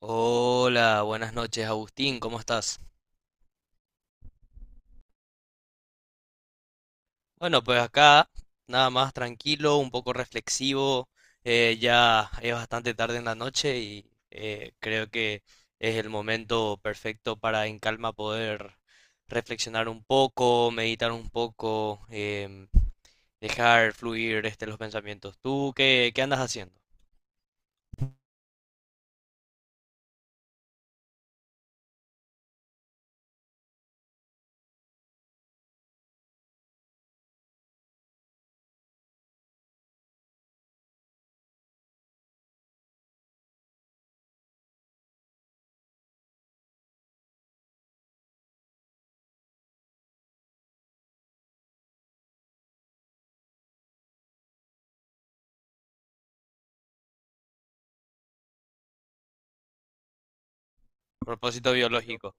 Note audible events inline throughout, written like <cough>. Hola, buenas noches, Agustín, ¿cómo estás? Bueno, pues acá nada más tranquilo, un poco reflexivo, ya es bastante tarde en la noche y creo que es el momento perfecto para en calma poder reflexionar un poco, meditar un poco, dejar fluir este, los pensamientos. ¿Tú qué andas haciendo? Propósito biológico.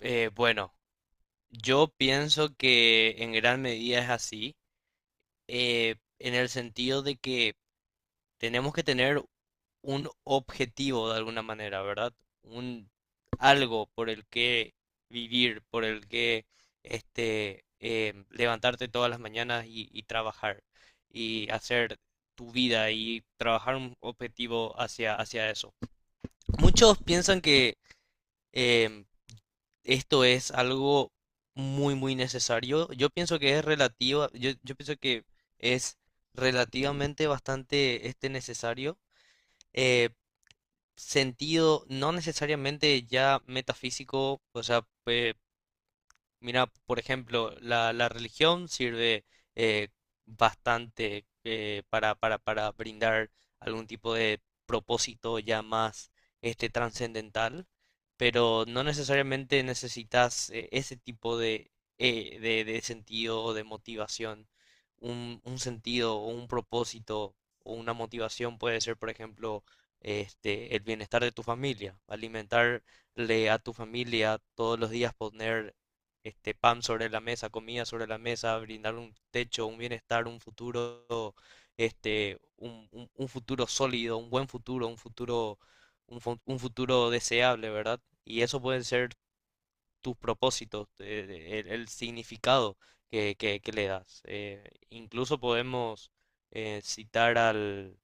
Bueno, yo pienso que en gran medida es así. En el sentido de que tenemos que tener un objetivo de alguna manera, ¿verdad? Un algo por el que vivir, por el que este, levantarte todas las mañanas y trabajar y hacer tu vida y trabajar un objetivo hacia eso. Muchos piensan que eh, esto es algo muy, muy necesario. Yo pienso que es relativa, yo pienso que es relativamente bastante este necesario. eh, Sentido no necesariamente ya metafísico, o sea, mira, por ejemplo, la religión sirve eh, bastante para, para brindar algún tipo de propósito ya más este trascendental, pero no necesariamente necesitas ese tipo de sentido o de motivación. Un sentido o un propósito o una motivación puede ser, por ejemplo, este, el bienestar de tu familia, alimentarle a tu familia todos los días, poner este pan sobre la mesa, comida sobre la mesa, brindar un techo, un bienestar, un futuro, este, un, un futuro sólido, un buen futuro, un, un futuro deseable, ¿verdad? Y eso pueden ser tus propósitos, el significado que, que le das. Incluso podemos citar al,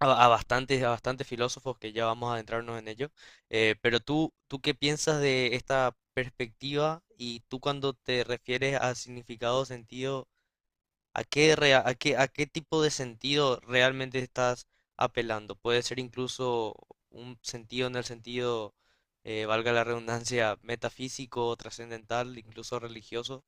a bastantes filósofos que ya vamos a adentrarnos en ello. Pero tú, ¿tú qué piensas de esta perspectiva? Y tú cuando te refieres a significado, sentido, ¿a qué, a qué, a qué tipo de sentido realmente estás apelando? Puede ser incluso un sentido en el sentido, valga la redundancia, metafísico, trascendental, incluso religioso.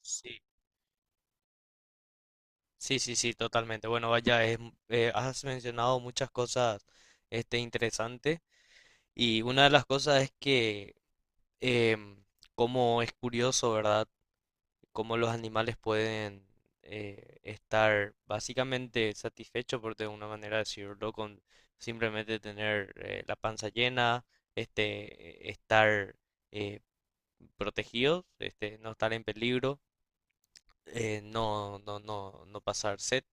Sí, sí, sí, sí, totalmente. Bueno, vaya, es, has mencionado muchas cosas, este, interesantes. Y una de las cosas es que, em, como es curioso, ¿verdad? Cómo los animales pueden estar básicamente satisfechos, por de una manera decirlo, con simplemente tener la panza llena, este, estar eh, protegidos, este, no estar en peligro no pasar sed,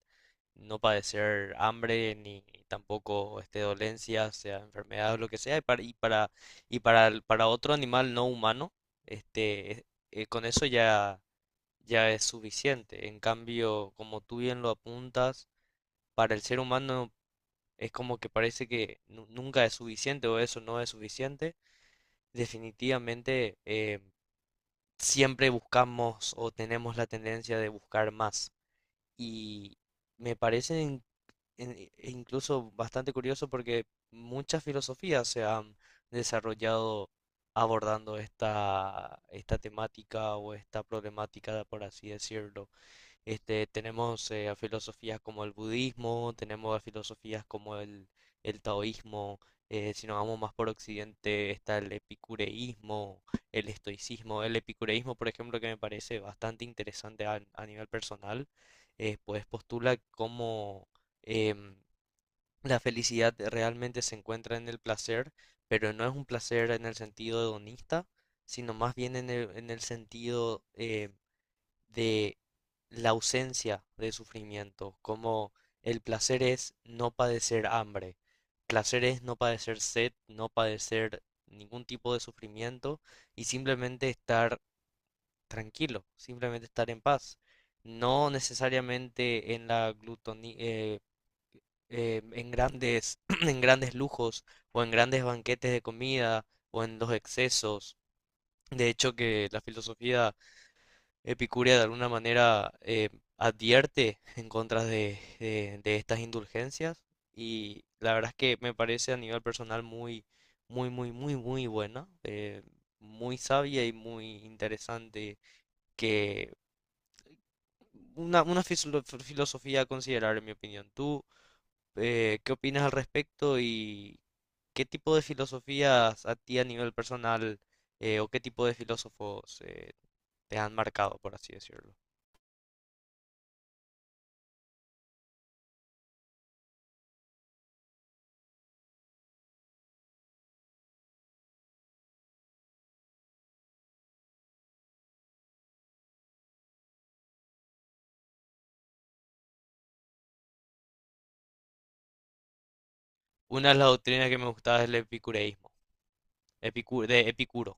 no padecer hambre, ni ni tampoco este, dolencias, sea enfermedad o lo que sea, para otro animal no humano, este, con eso ya, ya es suficiente. En cambio, como tú bien lo apuntas, para el ser humano es como que parece que nunca es suficiente o eso no es suficiente. Definitivamente, siempre buscamos o tenemos la tendencia de buscar más. Y me parece incluso bastante curioso porque muchas filosofías se han desarrollado abordando esta temática o esta problemática, por así decirlo. Este, tenemos a filosofías como el budismo, tenemos a filosofías como el taoísmo, si nos vamos más por occidente está el epicureísmo, el estoicismo. El epicureísmo, por ejemplo, que me parece bastante interesante a nivel personal, pues postula cómo em, la felicidad realmente se encuentra en el placer, pero no es un placer en el sentido hedonista, sino más bien en el sentido de la ausencia de sufrimiento, como el placer es no padecer hambre, placer es no padecer sed, no padecer ningún tipo de sufrimiento y simplemente estar tranquilo, simplemente estar en paz, no necesariamente en la glutonía, en grandes, <clears throat> en grandes lujos o en grandes banquetes de comida o en los excesos. De hecho, que la filosofía Epicuria de alguna manera advierte en contra de, de estas indulgencias y la verdad es que me parece a nivel personal muy buena, muy sabia y muy interesante que una, fisilo- filosofía a considerar en mi opinión. ¿Tú qué opinas al respecto y qué tipo de filosofías a ti a nivel personal o qué tipo de filósofos te han marcado, por así decirlo? Una de las doctrinas que me gustaba es el epicureísmo, de Epicuro.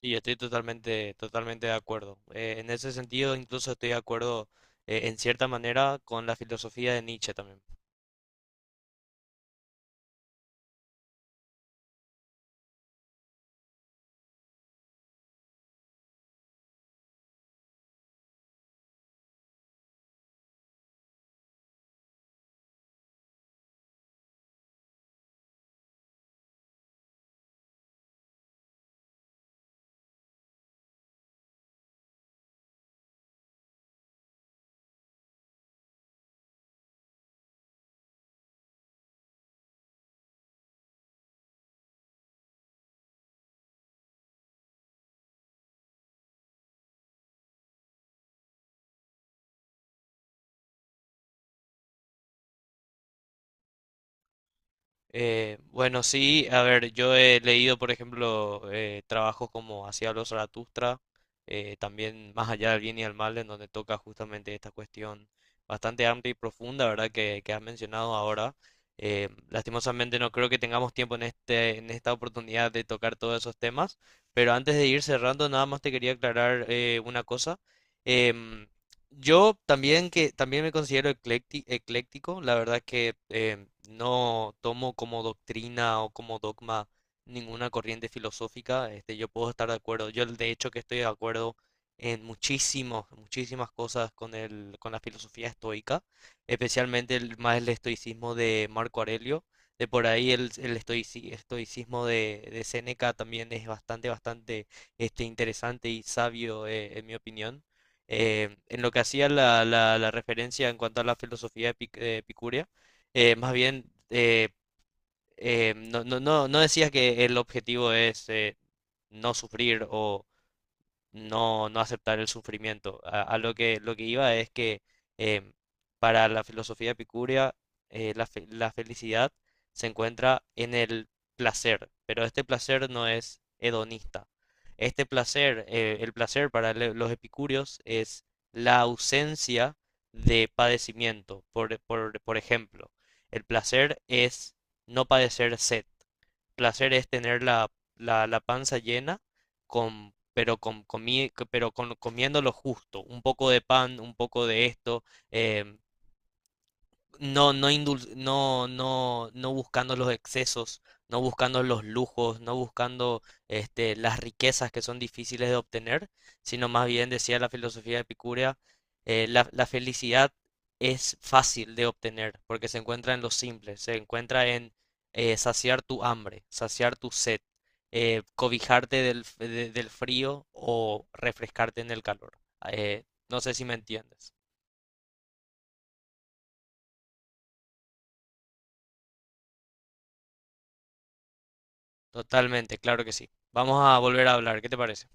Y yo estoy totalmente, totalmente de acuerdo. En ese sentido, incluso estoy de acuerdo, en cierta manera, con la filosofía de Nietzsche también. Bueno, sí, a ver, yo he leído, por ejemplo, trabajos como Hacia los Zaratustra, también Más allá del bien y del mal, en donde toca justamente esta cuestión bastante amplia y profunda, ¿verdad? Que has mencionado ahora. Lastimosamente no creo que tengamos tiempo en este, en esta oportunidad de tocar todos esos temas, pero antes de ir cerrando, nada más te quería aclarar una cosa. Em, yo también que también me considero ecléctico, la verdad que no tomo como doctrina o como dogma ninguna corriente filosófica, este, yo puedo estar de acuerdo, yo de hecho que estoy de acuerdo en muchísimos, muchísimas cosas con el, con la filosofía estoica, especialmente el, más el estoicismo de Marco Aurelio, de por ahí el estoicismo de Séneca también es bastante, bastante este, interesante y sabio en mi opinión en lo que hacía la, la referencia en cuanto a la filosofía epicurea, más bien no decía que el objetivo es no sufrir o no aceptar el sufrimiento. A lo que iba es que em, para la filosofía epicúrea la, la felicidad se encuentra en el placer, pero este placer no es hedonista. Este placer, el placer para los epicúreos es la ausencia de padecimiento. Por ejemplo, el placer es no padecer sed placer es tener la, la panza llena, con, pero, con, pero con, comiendo lo justo, un poco de pan, un poco de esto, eh, no, no, no buscando los excesos, no buscando los lujos, no buscando este, las riquezas que son difíciles de obtener, sino más bien decía la filosofía epicúrea, la, la felicidad es fácil de obtener porque se encuentra en lo simple, se encuentra en saciar tu hambre, saciar tu sed, cobijarte del, del frío o refrescarte en el calor. No sé si me entiendes. Totalmente, claro que sí. Vamos a volver a hablar, ¿qué te parece?